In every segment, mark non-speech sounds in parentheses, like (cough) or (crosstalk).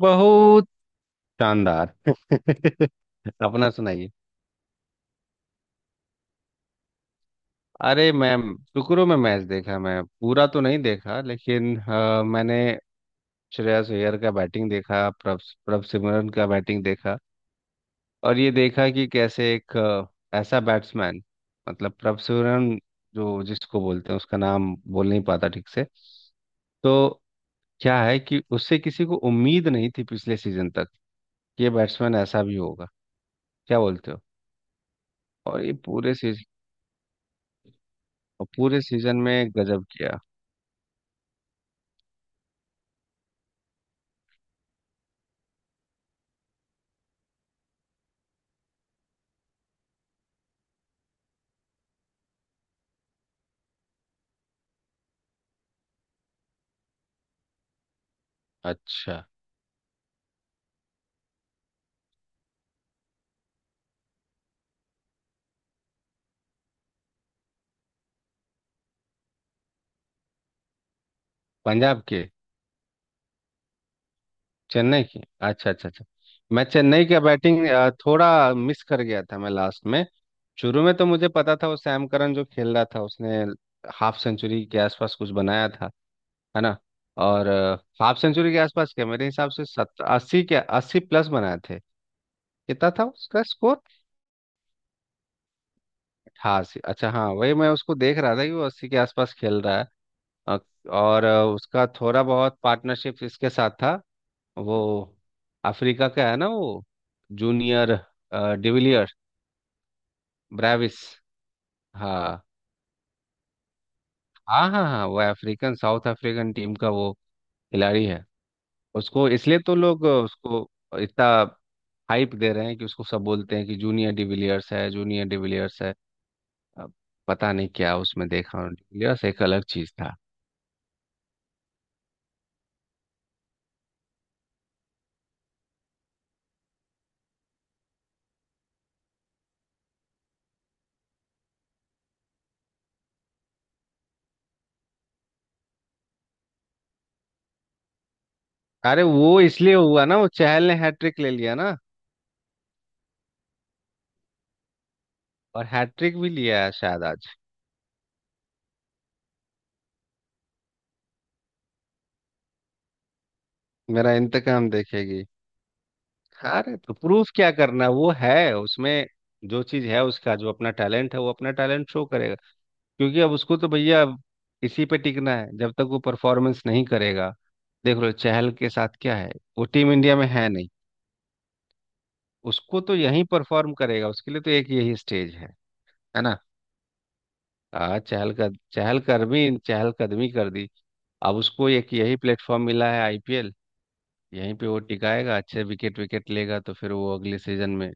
बहुत शानदार (laughs) अपना सुनाइए। अरे मैं शुक्र में मैच देखा। मैं पूरा तो नहीं देखा लेकिन मैंने श्रेयस अय्यर का बैटिंग देखा। प्रभ प्रभ सिमरन का बैटिंग देखा और ये देखा कि कैसे एक ऐसा बैट्समैन, मतलब प्रभ सिमरन, जो जिसको बोलते हैं उसका नाम बोल नहीं पाता ठीक से। तो क्या है कि उससे किसी को उम्मीद नहीं थी पिछले सीजन तक कि ये बैट्समैन ऐसा भी होगा। क्या बोलते हो? और ये पूरे और पूरे सीजन में गजब किया। अच्छा। पंजाब के। चेन्नई की। अच्छा अच्छा अच्छा। मैं चेन्नई का बैटिंग थोड़ा मिस कर गया था। मैं लास्ट में, शुरू में तो मुझे पता था, वो सैम करन जो खेल रहा था उसने हाफ सेंचुरी के आसपास कुछ बनाया था। है ना? और हाफ सेंचुरी के आसपास क्या, मेरे हिसाब से सत 80 के 80 प्लस बनाए थे। कितना था उसका स्कोर? 88, अच्छा, हाँ वही मैं उसको देख रहा था कि वो 80 के आसपास खेल रहा है। अ, और उसका थोड़ा बहुत पार्टनरशिप इसके साथ था। वो अफ्रीका का है ना वो, जूनियर, डिविलियर, ब्रेविस। हाँ हाँ हाँ हाँ, वो अफ्रीकन, साउथ अफ्रीकन टीम का वो खिलाड़ी है। उसको इसलिए तो लोग उसको इतना हाइप दे रहे हैं कि उसको सब बोलते हैं कि जूनियर डिविलियर्स है, जूनियर डिविलियर्स है। अब पता नहीं क्या उसमें देखा उन्होंने। डिविलियर्स एक अलग चीज था। अरे, वो इसलिए हुआ ना, वो चहल ने हैट्रिक ले लिया ना। और हैट्रिक भी लिया है शायद आज। मेरा इंतकाम देखेगी। अरे, तो प्रूफ क्या करना, वो है उसमें, जो चीज है उसका, जो अपना टैलेंट है वो अपना टैलेंट शो करेगा। क्योंकि अब उसको तो भैया इसी पे टिकना है, जब तक वो परफॉर्मेंस नहीं करेगा। देख लो चहल के साथ क्या है। वो टीम इंडिया में है नहीं। उसको तो यहीं परफॉर्म करेगा, उसके लिए तो एक यही स्टेज है। है ना? चहल का चहल कदमी कर दी। अब उसको एक यही प्लेटफॉर्म मिला है, आईपीएल। यहीं पे वो टिकाएगा, अच्छे विकेट विकेट लेगा तो फिर वो अगले सीजन में।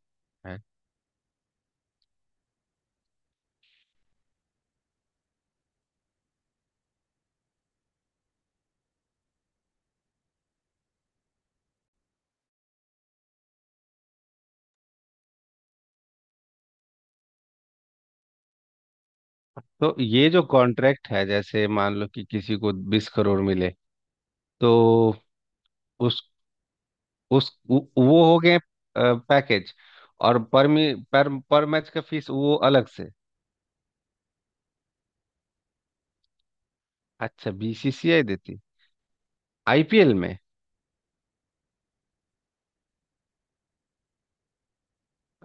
तो ये जो कॉन्ट्रैक्ट है, जैसे मान लो कि किसी को 20 करोड़ मिले, तो उस उस वो हो गए पैकेज। और पर मी पर मैच का फीस वो अलग से। अच्छा, बीसीसीआई देती? आईपीएल में?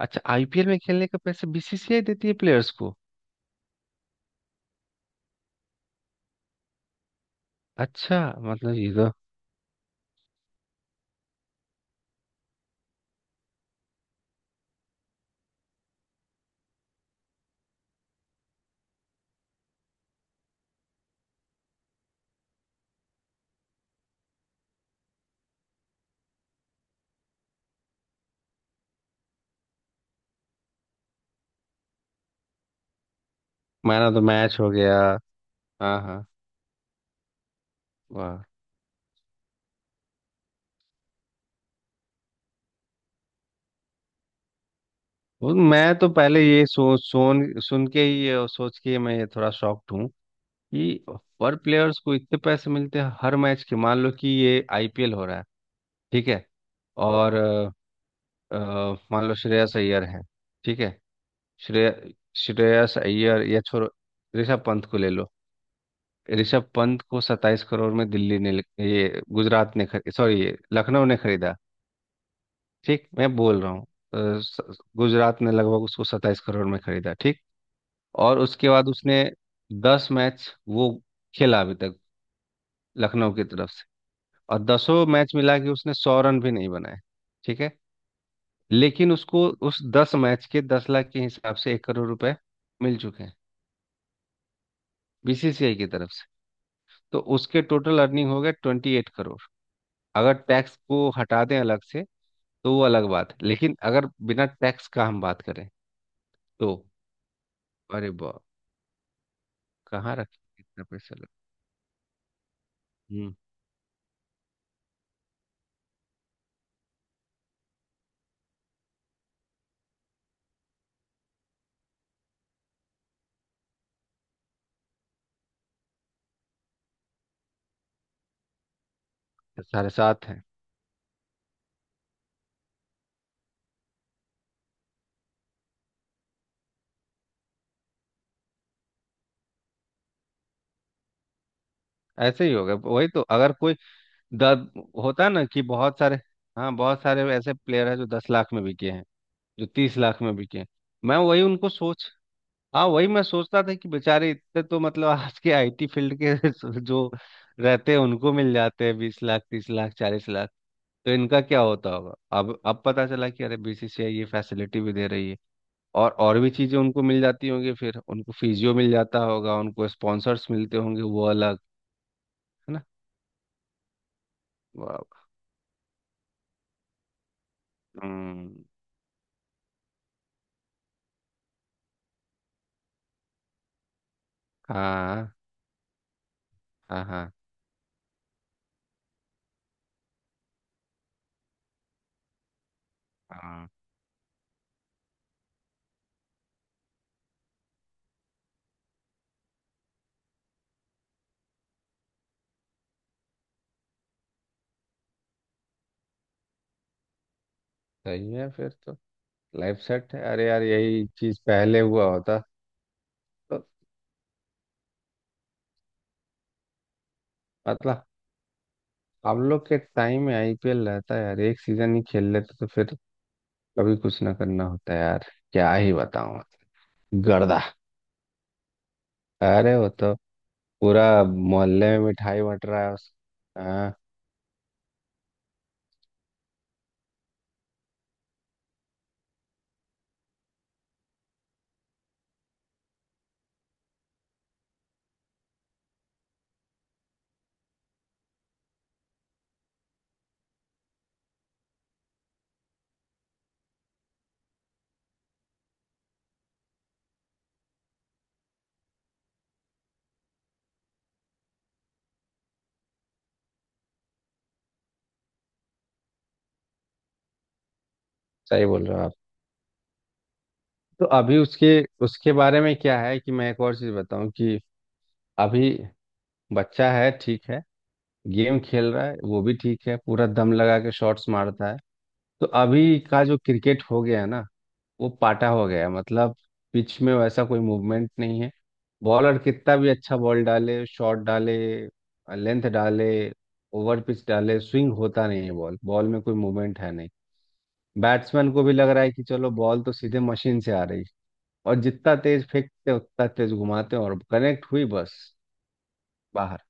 अच्छा, आईपीएल में खेलने का पैसे बीसीसीआई देती है प्लेयर्स को। अच्छा, मतलब ये तो मैन ऑफ द मैच हो गया। हाँ हाँ। वाह। वो मैं तो पहले ये सो सोन सुन के ही, ये सोच के मैं ये थोड़ा शॉक्ड हूँ कि पर प्लेयर्स को इतने पैसे मिलते हैं हर मैच के। मान लो कि ये आईपीएल हो रहा है, ठीक है, और अ, मान लो श्रेयस अय्यर है, ठीक है, श्रेय श्रेयस अय्यर, या छोड़ो, ऋषभ पंत को ले लो। ऋषभ पंत को 27 करोड़ में दिल्ली ने, ये गुजरात ने खरीद, सॉरी, ये लखनऊ ने खरीदा, ठीक मैं बोल रहा हूँ। गुजरात ने लगभग उसको 27 करोड़ में खरीदा, ठीक। और उसके बाद उसने 10 मैच वो खेला अभी तक लखनऊ की तरफ से, और दसों मैच मिला के उसने 100 रन भी नहीं बनाए। ठीक है। लेकिन उसको उस 10 मैच के, 10 लाख के हिसाब से 1 करोड़ रुपए मिल चुके हैं बीसीसीआई की तरफ से। तो उसके टोटल अर्निंग हो गए 28 करोड़, अगर टैक्स को हटा दें अलग से, तो वो अलग बात है, लेकिन अगर बिना टैक्स का हम बात करें तो, अरे वाह। कहाँ रखे कितना पैसा लगा। हम्म तो 7.5 है? ऐसे ही होगा, वही तो। अगर कोई दस, होता है ना कि बहुत सारे, हाँ बहुत सारे ऐसे प्लेयर है जो 10 लाख में बिके हैं, जो 30 लाख में बिके, मैं वही उनको सोच, हाँ वही मैं सोचता था कि बेचारे इतने, तो मतलब आज के आईटी फील्ड के (laughs) जो रहते हैं उनको मिल जाते हैं 20 लाख, 30 लाख, 40 लाख, तो इनका क्या होता होगा। अब पता चला कि अरे बीसीसीआई ये फैसिलिटी भी दे रही है। और भी चीजें उनको मिल जाती होंगी, फिर उनको फिजियो मिल जाता होगा, उनको स्पॉन्सर्स मिलते होंगे, वो अलग। है ना? वाह। हम्म। हाँ हाँ हाँ हाँ, सही है फिर तो, लाइफ सेट है। अरे यार, यही चीज पहले हुआ होता तो, मतलब हम लोग के टाइम में आईपीएल रहता है यार, एक सीजन ही खेल लेते तो फिर कभी कुछ ना करना होता है यार। क्या ही बताऊं। गर्दा। अरे वो तो पूरा मोहल्ले में मिठाई बट रहा है उस। हाँ, सही बोल रहे हो आप। तो अभी उसके उसके बारे में क्या है, कि मैं एक और चीज बताऊं कि अभी बच्चा है, ठीक है, गेम खेल रहा है, वो भी ठीक है, पूरा दम लगा के शॉट्स मारता है। तो अभी का जो क्रिकेट हो गया है ना, वो पाटा हो गया है, मतलब पिच में वैसा कोई मूवमेंट नहीं है। बॉलर कितना भी अच्छा बॉल डाले, शॉट डाले, लेंथ डाले, ओवर पिच डाले, स्विंग होता नहीं है, बॉल बॉल में कोई मूवमेंट है नहीं। बैट्समैन को भी लग रहा है कि चलो, बॉल तो सीधे मशीन से आ रही है, और जितना तेज फेंकते हैं, उतना तेज घुमाते हैं और कनेक्ट हुई, बस, बाहर।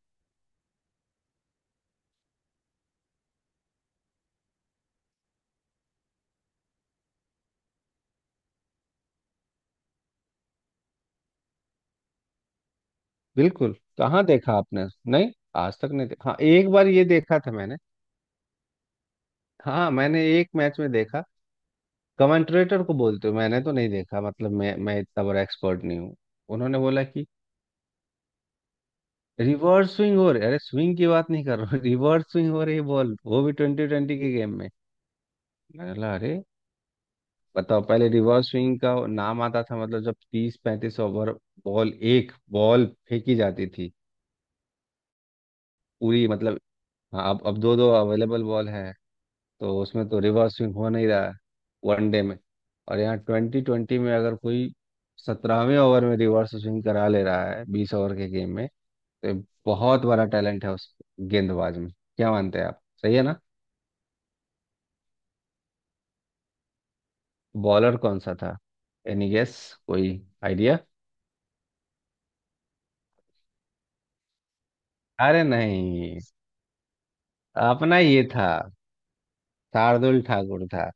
बिल्कुल, कहाँ देखा आपने? नहीं, आज तक नहीं देखा। हाँ, एक बार ये देखा था मैंने, हाँ मैंने एक मैच में देखा। कमेंटरेटर को बोलते हो, मैंने तो नहीं देखा, मतलब मैं इतना बड़ा एक्सपर्ट नहीं हूँ। उन्होंने बोला कि रिवर्स स्विंग हो रही, अरे स्विंग की बात नहीं कर रहा हूँ (laughs) रिवर्स स्विंग हो रही बॉल, वो भी टी20 के गेम में। मैंने बोला, अरे, बताओ पहले रिवर्स स्विंग का नाम आता था, मतलब जब 30 35 ओवर, बॉल एक बॉल फेंकी जाती थी पूरी, मतलब। हाँ, अब दो दो अवेलेबल बॉल है, तो उसमें तो रिवर्स स्विंग हो नहीं रहा है वनडे में। और यहाँ टी20 में अगर कोई 17वें ओवर में रिवर्स स्विंग करा ले रहा है 20 ओवर के गेम में, तो ये बहुत बड़ा टैलेंट है उस गेंदबाज में। क्या मानते हैं आप, सही है ना? बॉलर कौन सा था? Any guess? कोई आइडिया? अरे नहीं, अपना ये था, शार्दुल ठाकुर था।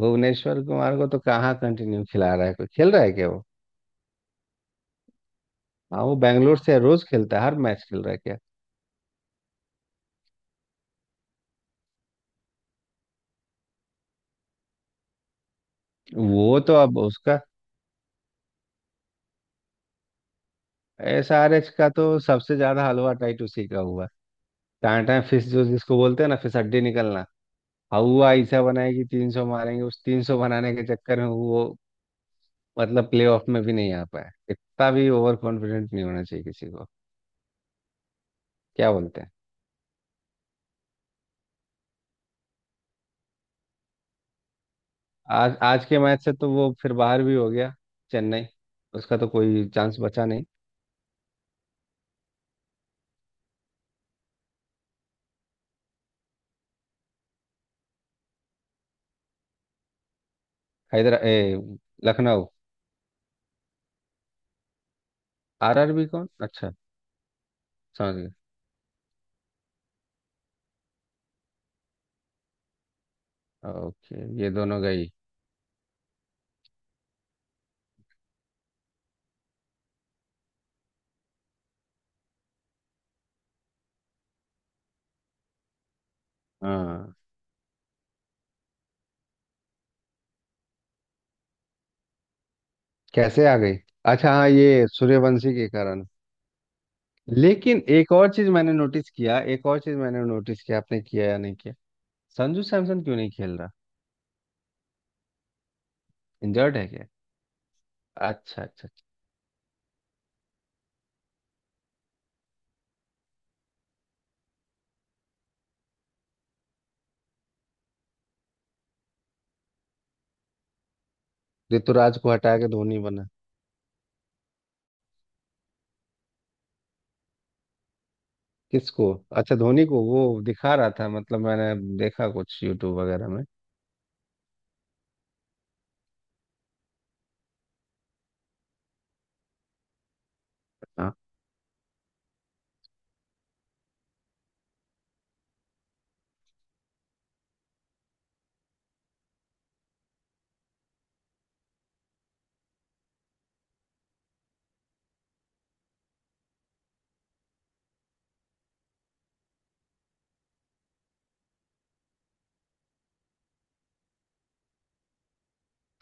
भुवनेश्वर कुमार को तो कहाँ कंटिन्यू खिला रहा है, कोई खेल रहा है क्या वो? हाँ, वो बैंगलोर से रोज खेलता है, हर मैच खेल रहा है क्या? वो तो अब उसका, SRH का तो सबसे ज्यादा हलवा टाइट उसी का हुआ है। टाटा फिश जो जिसको बोलते हैं ना, फिश हड्डी निकलना। हवा ऐसा बनाएगी, 300 मारेंगे, उस तीन सौ बनाने के चक्कर में वो, मतलब प्ले ऑफ में भी नहीं आ पाया। इतना भी ओवर कॉन्फिडेंट नहीं होना चाहिए किसी को, क्या बोलते हैं। आज आज के मैच से तो वो फिर बाहर भी हो गया, चेन्नई, उसका तो कोई चांस बचा नहीं। हैदरा, ए, लखनऊ, आरआरबी कौन? अच्छा, समझ गए। ओके, ये दोनों गई। हाँ, कैसे आ गई? अच्छा हाँ, ये सूर्यवंशी के कारण। लेकिन एक और चीज मैंने नोटिस किया, एक और चीज मैंने नोटिस किया, आपने किया या नहीं किया, संजू सैमसन क्यों नहीं खेल रहा? इंजर्ड है क्या? अच्छा अच्छा अच्छा। ऋतुराज को हटा के धोनी बना? किसको? अच्छा, धोनी को वो दिखा रहा था मतलब, मैंने देखा कुछ यूट्यूब वगैरह में। हाँ।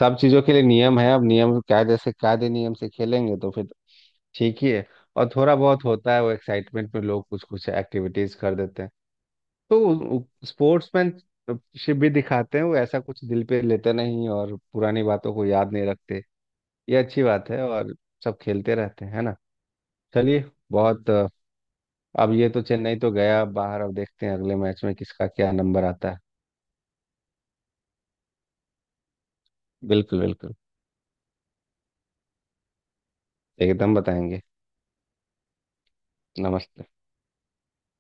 सब चीजों के लिए नियम है, अब नियम कायदे से, कायदे नियम से खेलेंगे तो फिर ठीक ही है। और थोड़ा बहुत होता है वो, एक्साइटमेंट में लोग कुछ कुछ एक्टिविटीज कर देते हैं, तो स्पोर्ट्समैनशिप भी दिखाते हैं वो, ऐसा कुछ दिल पे लेते नहीं और पुरानी बातों को याद नहीं रखते, ये अच्छी बात है। और सब खेलते रहते हैं, है ना? चलिए, बहुत, अब ये तो चेन्नई तो गया बाहर, अब देखते हैं अगले मैच में किसका क्या नंबर आता है। बिल्कुल बिल्कुल, एकदम बताएंगे। नमस्ते।